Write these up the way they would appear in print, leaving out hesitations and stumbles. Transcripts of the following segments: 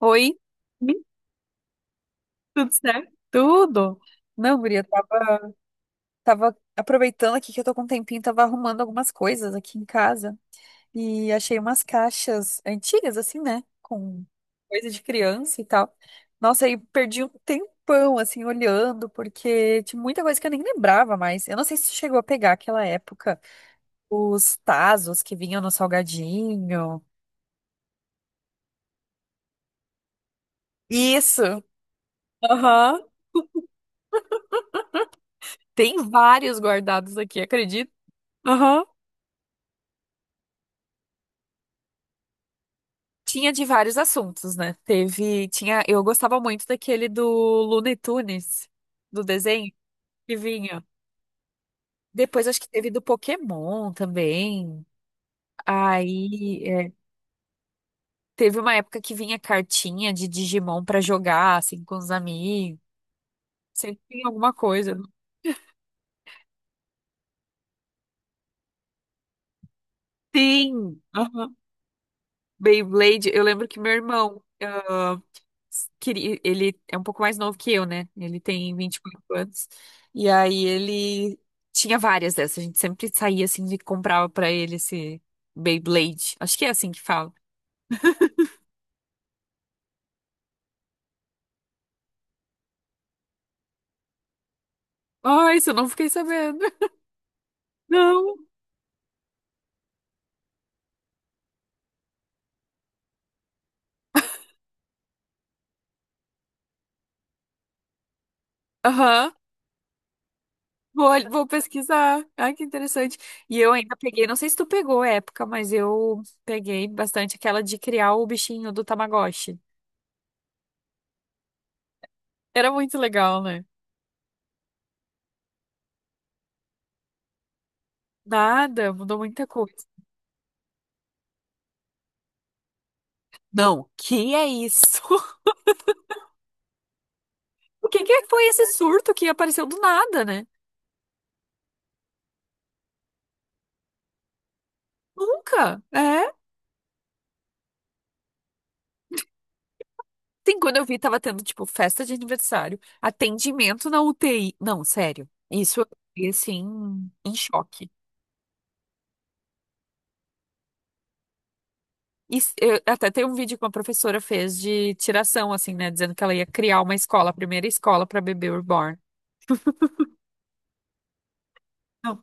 Oi, Ih, tudo certo? Tudo. Não, guria, tava aproveitando aqui que eu tô com um tempinho, tava arrumando algumas coisas aqui em casa e achei umas caixas antigas, assim, né? Com coisa de criança e tal. Nossa, aí perdi um tempão, assim, olhando, porque tinha muita coisa que eu nem lembrava mais. Eu não sei se chegou a pegar aquela época, os tazos que vinham no salgadinho. Isso! Aham. Tem vários guardados aqui, acredito. Aham. Tinha de vários assuntos, né? Tinha, eu gostava muito daquele do Looney Tunes, do desenho que vinha. Depois acho que teve do Pokémon também. Aí é, teve uma época que vinha cartinha de Digimon pra jogar assim com os amigos. Sempre tinha alguma coisa. Sim, aham. Beyblade. Eu lembro que meu irmão queria, ele é um pouco mais novo que eu, né? Ele tem 24 anos. E aí ele tinha várias dessas. A gente sempre saía assim e comprava pra ele esse Beyblade. Acho que é assim que fala. Ai, isso eu não fiquei sabendo. Não. Aham. Vou pesquisar. Ai, que interessante. E eu ainda peguei, não sei se tu pegou a época, mas eu peguei bastante aquela de criar o bichinho do Tamagotchi. Era muito legal, né? Nada, mudou muita coisa. Não, que é isso? O que que foi esse surto que apareceu do nada, né? Nunca. É. Tem quando eu vi, tava tendo, tipo, festa de aniversário, atendimento na UTI. Não, sério. Isso eu fiquei, assim, em choque. E até tem um vídeo que uma professora fez de tiração, assim, né? Dizendo que ela ia criar uma escola, a primeira escola pra bebê reborn. Não.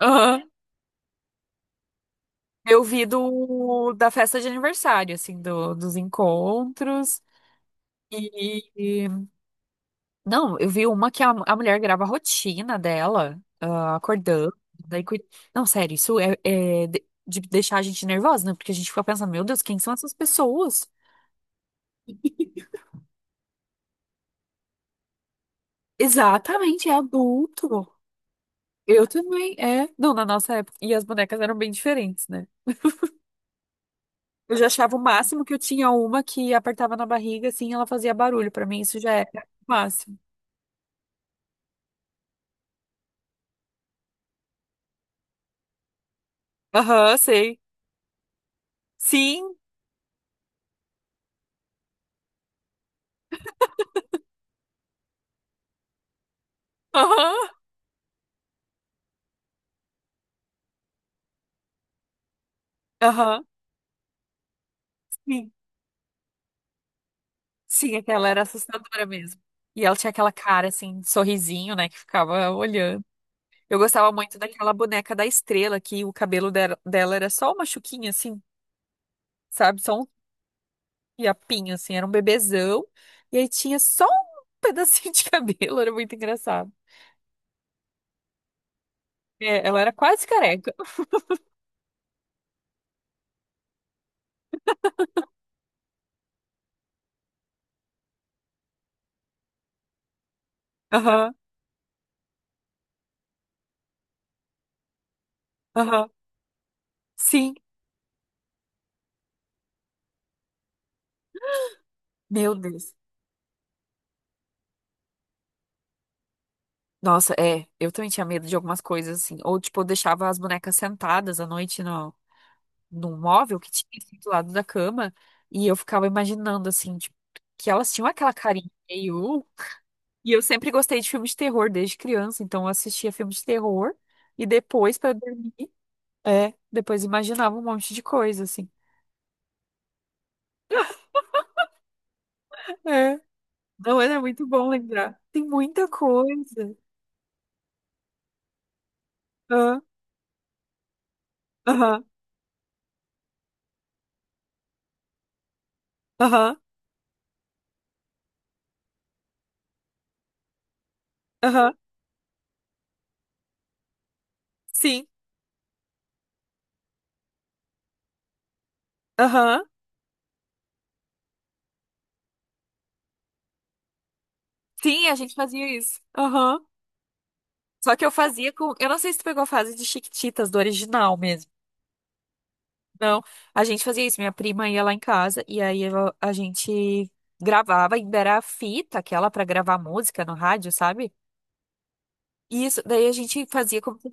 Aham. Eu vi da festa de aniversário, assim, dos encontros. E, Não, eu vi uma que a mulher grava a rotina dela, acordando. Daí, cui- Não, sério, isso é de, deixar a gente nervosa, né? Porque a gente fica pensando, meu Deus, quem são essas pessoas? Exatamente, é adulto. Eu também, é. Não, na nossa época. E as bonecas eram bem diferentes, né? Eu já achava o máximo que eu tinha uma que apertava na barriga, assim, ela fazia barulho. Pra mim, isso já é o máximo. Aham, sei. Sim. Aham. Aham. Sim. Sim, aquela era assustadora mesmo. E ela tinha aquela cara assim, sorrisinho, né, que ficava olhando. Eu gostava muito daquela boneca da estrela, que o cabelo dela era só uma chuquinha, assim, sabe? Só um fiapinho, assim, era um bebezão. E aí tinha só um pedacinho de cabelo, era muito engraçado. É, ela era quase careca. Aham, aham. Sim, meu Deus. Nossa, é, eu também tinha medo de algumas coisas, assim. Ou, tipo, eu deixava as bonecas sentadas à noite num móvel que tinha assim, do lado da cama, e eu ficava imaginando, assim, tipo, que elas tinham aquela carinha meio. E eu sempre gostei de filmes de terror desde criança, então eu assistia filmes de terror e depois, pra dormir, é, depois imaginava um monte de coisa, assim. É. Não, era muito bom lembrar. Tem muita coisa. Aham, aham, aham, aham. Sim, aham. Sim, a gente fazia isso. Aham. Só que eu fazia com. Eu não sei se tu pegou a fase de Chiquititas, do original mesmo. Não, a gente fazia isso. Minha prima ia lá em casa e aí a gente gravava, ainda era a fita, aquela pra gravar música no rádio, sabe? E isso, daí a gente fazia como se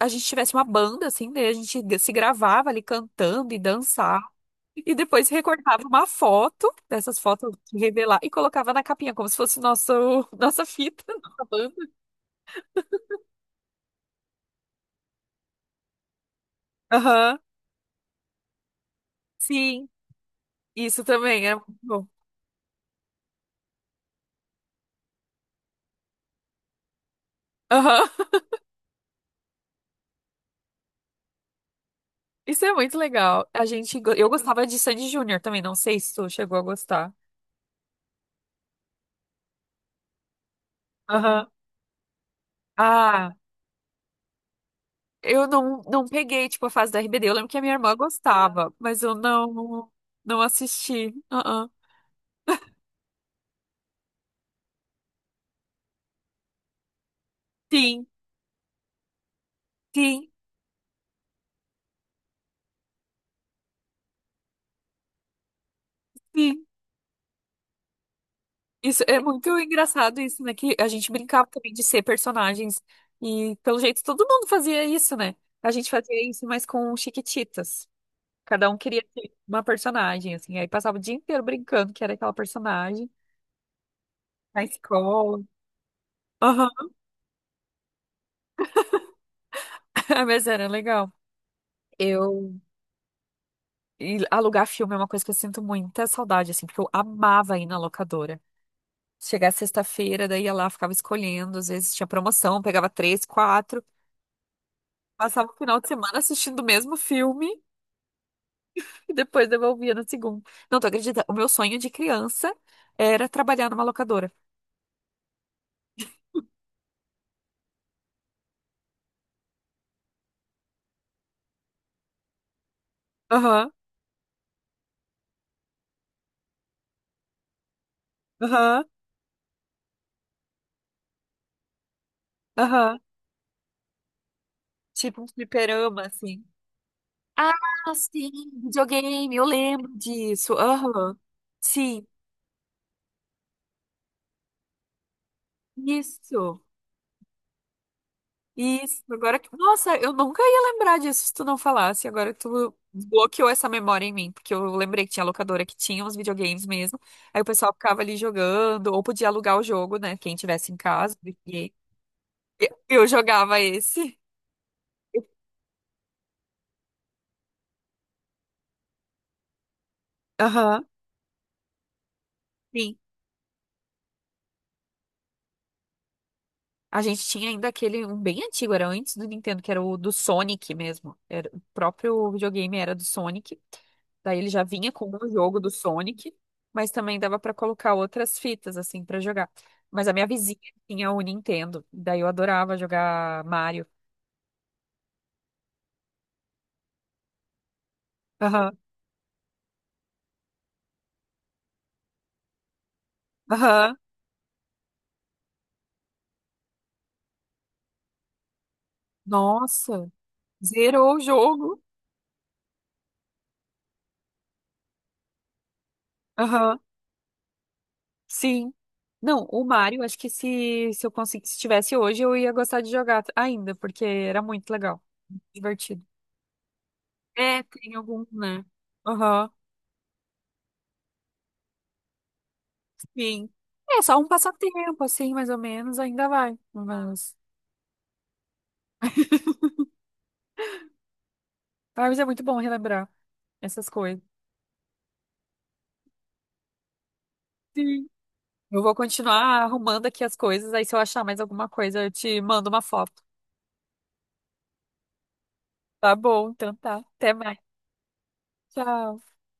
a gente tivesse uma banda, assim, daí a gente se gravava ali cantando e dançava. E depois recortava uma foto dessas fotos de revelar e colocava na capinha, como se fosse nosso, nossa fita, nossa banda. Aham, sim, isso também é muito bom. Aham. Isso é muito legal. Eu gostava de Sandy Júnior também, não sei se tu chegou a gostar. Aham. Ah, eu não peguei, tipo, a fase da RBD. Eu lembro que a minha irmã gostava, mas eu não assisti. Ah, sim. Sim, sim. Isso é muito engraçado isso, né? Que a gente brincava também de ser personagens. E pelo jeito todo mundo fazia isso, né? A gente fazia isso, mas com Chiquititas. Cada um queria ser uma personagem, assim. Aí passava o dia inteiro brincando que era aquela personagem. Na escola. Aham, mas era legal. Eu e alugar filme é uma coisa que eu sinto muita saudade, assim, porque eu amava ir na locadora. Chegar sexta-feira, daí ia lá, ficava escolhendo, às vezes tinha promoção, pegava três, quatro, passava o final de semana assistindo o mesmo filme e depois devolvia no segundo. Não, tu acredita? O meu sonho de criança era trabalhar numa locadora. Aham, aham, aham. Tipo um fliperama, assim. Ah, sim, videogame, eu lembro disso. Aham. Sim, isso, isso. Agora que. Nossa, eu nunca ia lembrar disso se tu não falasse. Agora tu bloqueou essa memória em mim, porque eu lembrei que tinha locadora que tinha uns videogames mesmo. Aí o pessoal ficava ali jogando, ou podia alugar o jogo, né? Quem tivesse em casa. E eu jogava esse. Aham. Sim. A gente tinha ainda aquele, um bem antigo, era antes do Nintendo, que era o do Sonic mesmo. Era, o próprio videogame era do Sonic. Daí ele já vinha com um jogo do Sonic, mas também dava pra colocar outras fitas, assim, pra jogar. Mas a minha vizinha tinha o Nintendo, daí eu adorava jogar Mario. Aham, aham. Nossa, zerou o jogo. Aham, sim. Não, o Mario, acho que se eu conseguisse, se tivesse hoje, eu ia gostar de jogar ainda, porque era muito legal, divertido. É, tem algum, né? Aham, sim. É só um passatempo, assim, mais ou menos, ainda vai. Mas é muito bom relembrar essas coisas. Sim. Eu vou continuar arrumando aqui as coisas, aí se eu achar mais alguma coisa, eu te mando uma foto. Tá bom, então tá. Até mais. Tchau.